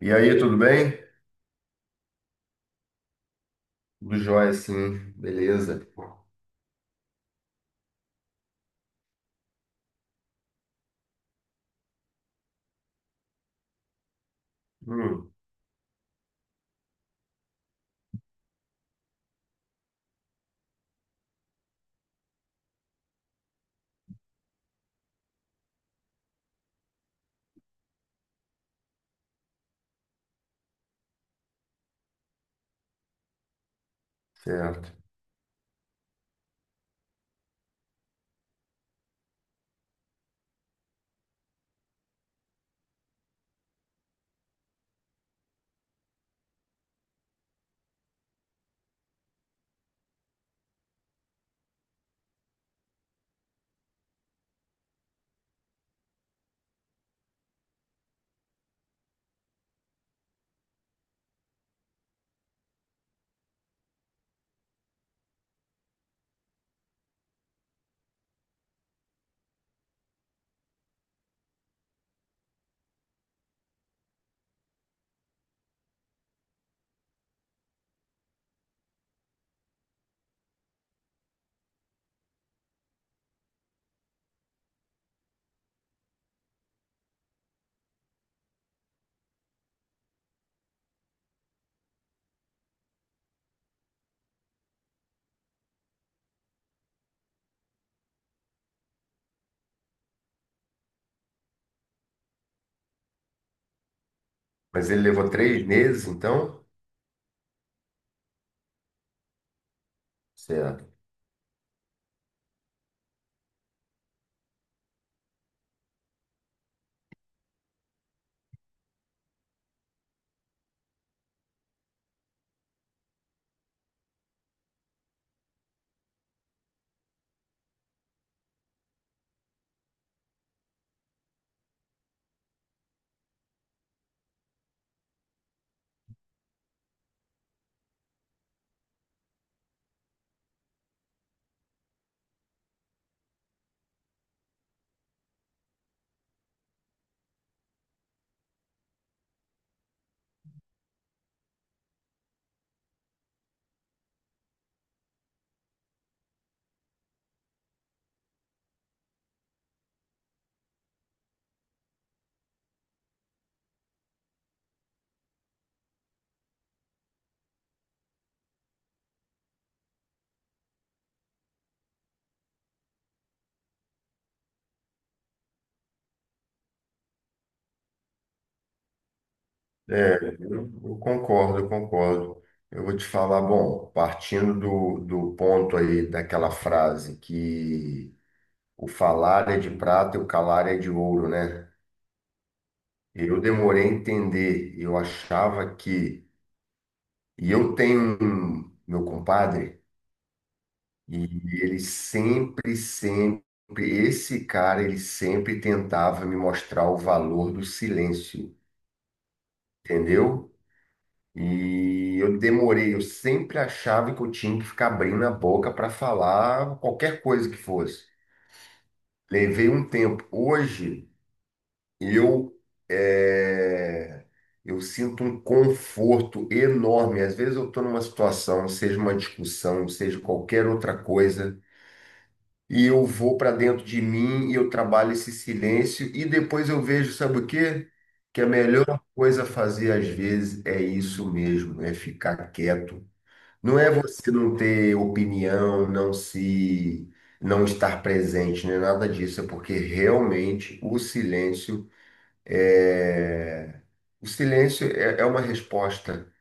E aí, tudo bem? Tudo jóia, sim. Beleza. Hum, certo. Mas ele levou 3 meses, então? Certo. Eu concordo, eu concordo. Eu vou te falar, bom, partindo do ponto aí daquela frase que o falar é de prata e o calar é de ouro, né? Eu demorei a entender, eu achava que. E eu tenho um, meu compadre. E ele sempre, sempre, esse cara, ele sempre tentava me mostrar o valor do silêncio, entendeu? E eu demorei, eu sempre achava que eu tinha que ficar abrindo a boca para falar qualquer coisa que fosse. Levei um tempo. Hoje, eu, é, eu sinto um conforto enorme. Às vezes eu estou numa situação, seja uma discussão, seja qualquer outra coisa, e eu vou para dentro de mim e eu trabalho esse silêncio e depois eu vejo, sabe o quê? Que a melhor coisa a fazer às vezes é isso mesmo, é ficar quieto. Não é você não ter opinião, não se não estar presente, não é nada disso, é porque realmente é o silêncio é uma resposta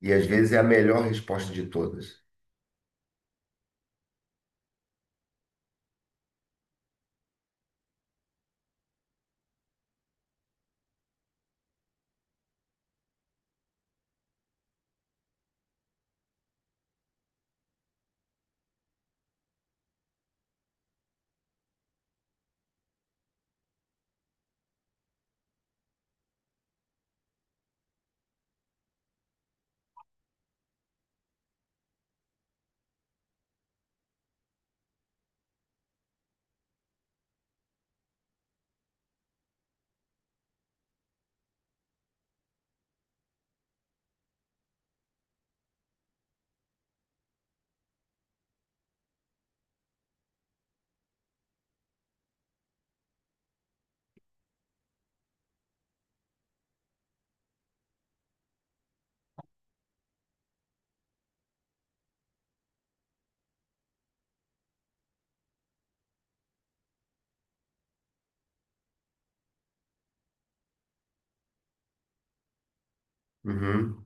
e às vezes é a melhor resposta de todas. Uhum.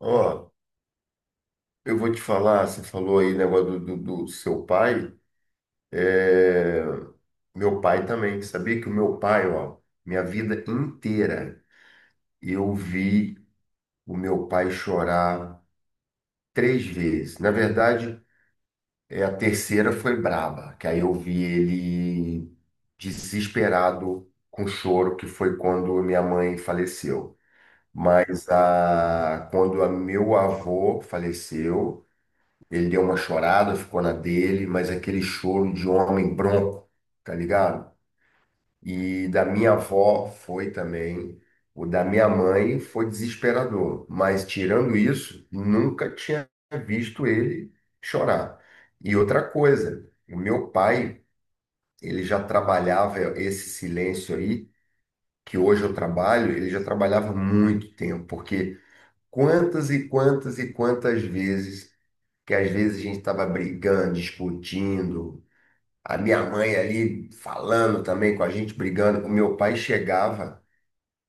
Ó, eu vou te falar, você falou aí negócio do seu pai. é, Meu pai também. Sabia que o meu pai, ó, minha vida inteira, eu vi o meu pai chorar 3 vezes. Na verdade, a terceira foi braba, que aí eu vi ele desesperado com choro, que foi quando minha mãe faleceu. Mas quando a meu avô faleceu, ele deu uma chorada, ficou na dele, mas aquele choro de homem bronco, tá ligado? E da minha avó foi também. O da minha mãe foi desesperador. Mas tirando isso, nunca tinha visto ele chorar. E outra coisa, o meu pai, ele já trabalhava esse silêncio aí, que hoje eu trabalho, ele já trabalhava há muito tempo, porque quantas e quantas e quantas vezes que às vezes a gente estava brigando, discutindo, a minha mãe ali falando também com a gente, brigando, o meu pai chegava,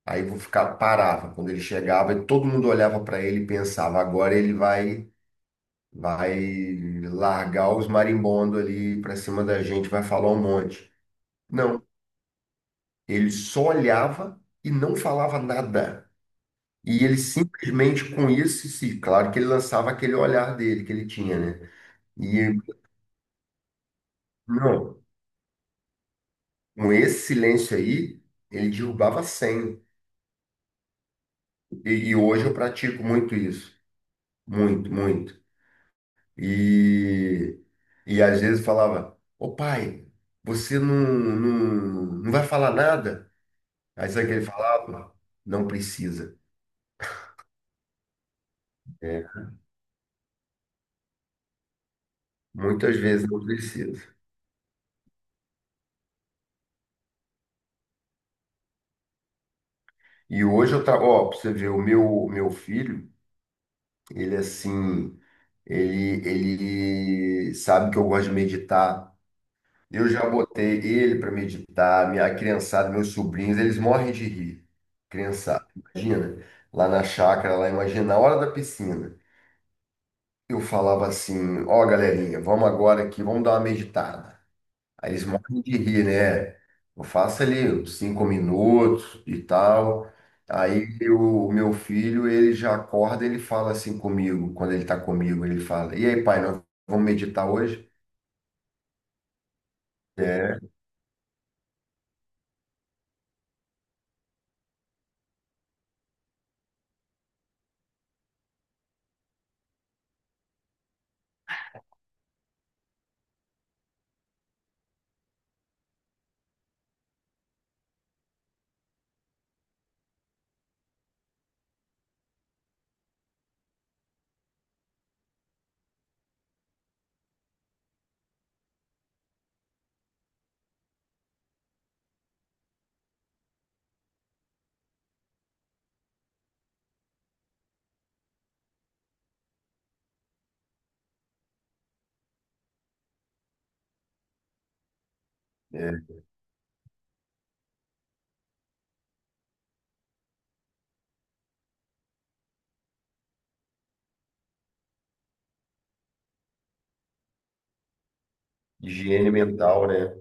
aí vou ficar parava quando ele chegava e todo mundo olhava para ele e pensava, agora ele vai vai largar os marimbondos ali para cima da gente, vai falar um monte. Não, ele só olhava e não falava nada. E ele simplesmente com isso, sim, claro que ele lançava aquele olhar dele que ele tinha, né? E não, com esse silêncio aí, ele derrubava 100. E hoje eu pratico muito isso. Muito, muito. E, e às vezes falava, ô pai, você não vai falar nada? Aí sabe o que ele falava? Não precisa. É, muitas vezes não precisa. E hoje eu trago, ó, pra você ver, meu filho, ele assim, ele, ele sabe que eu gosto de meditar. Eu já botei ele para meditar, minha criançada, meus sobrinhos, eles morrem de rir. Criançada, imagina, lá na chácara, lá, imagina, na hora da piscina. Eu falava assim: ó, galerinha, vamos agora aqui, vamos dar uma meditada. Aí eles morrem de rir, né? Eu faço ali uns 5 minutos e tal. Aí o meu filho, ele já acorda, ele fala assim comigo, quando ele tá comigo, ele fala: e aí, pai, nós vamos meditar hoje? É, é, higiene mental, né?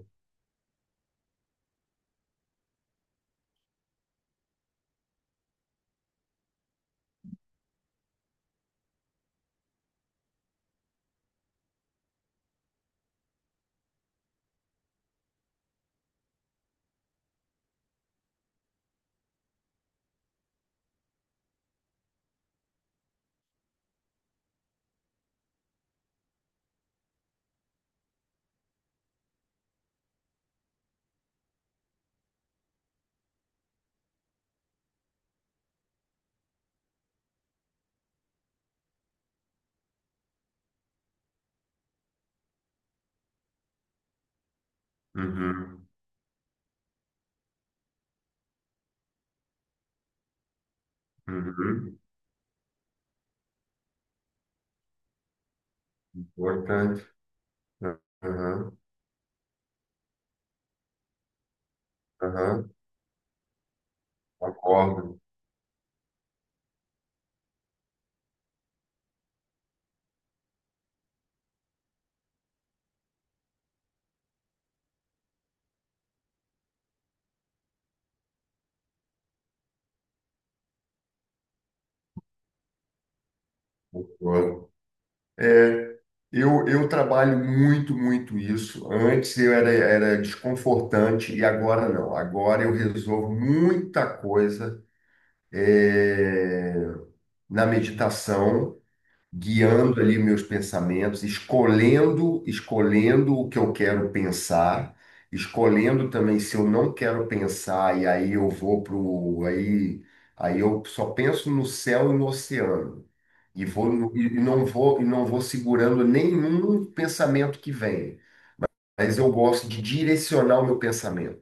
Uhum. Uhum. Importante. Aham, aham. Concordo, concordo. É, eu trabalho muito, muito isso. Antes era desconfortante e agora não. Agora eu resolvo muita coisa, é, na meditação, guiando ali meus pensamentos, escolhendo o que eu quero pensar, escolhendo também se eu não quero pensar e aí eu vou pro aí aí eu só penso no céu e no oceano e não vou segurando nenhum pensamento que vem. Mas eu gosto de direcionar o meu pensamento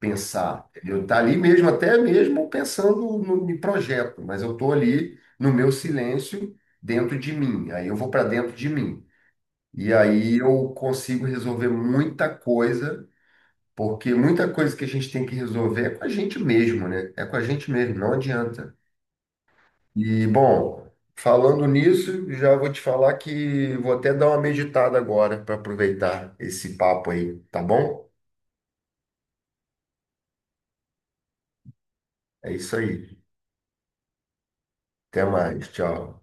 pensar. Eu tá ali mesmo, até mesmo pensando no, em projeto, mas eu tô ali no meu silêncio, dentro de mim. Aí eu vou para dentro de mim. E aí eu consigo resolver muita coisa, porque muita coisa que a gente tem que resolver é com a gente mesmo, né? É com a gente mesmo, não adianta. E, bom, falando nisso, já vou te falar que vou até dar uma meditada agora para aproveitar esse papo aí, tá bom? É isso aí. Até mais, tchau.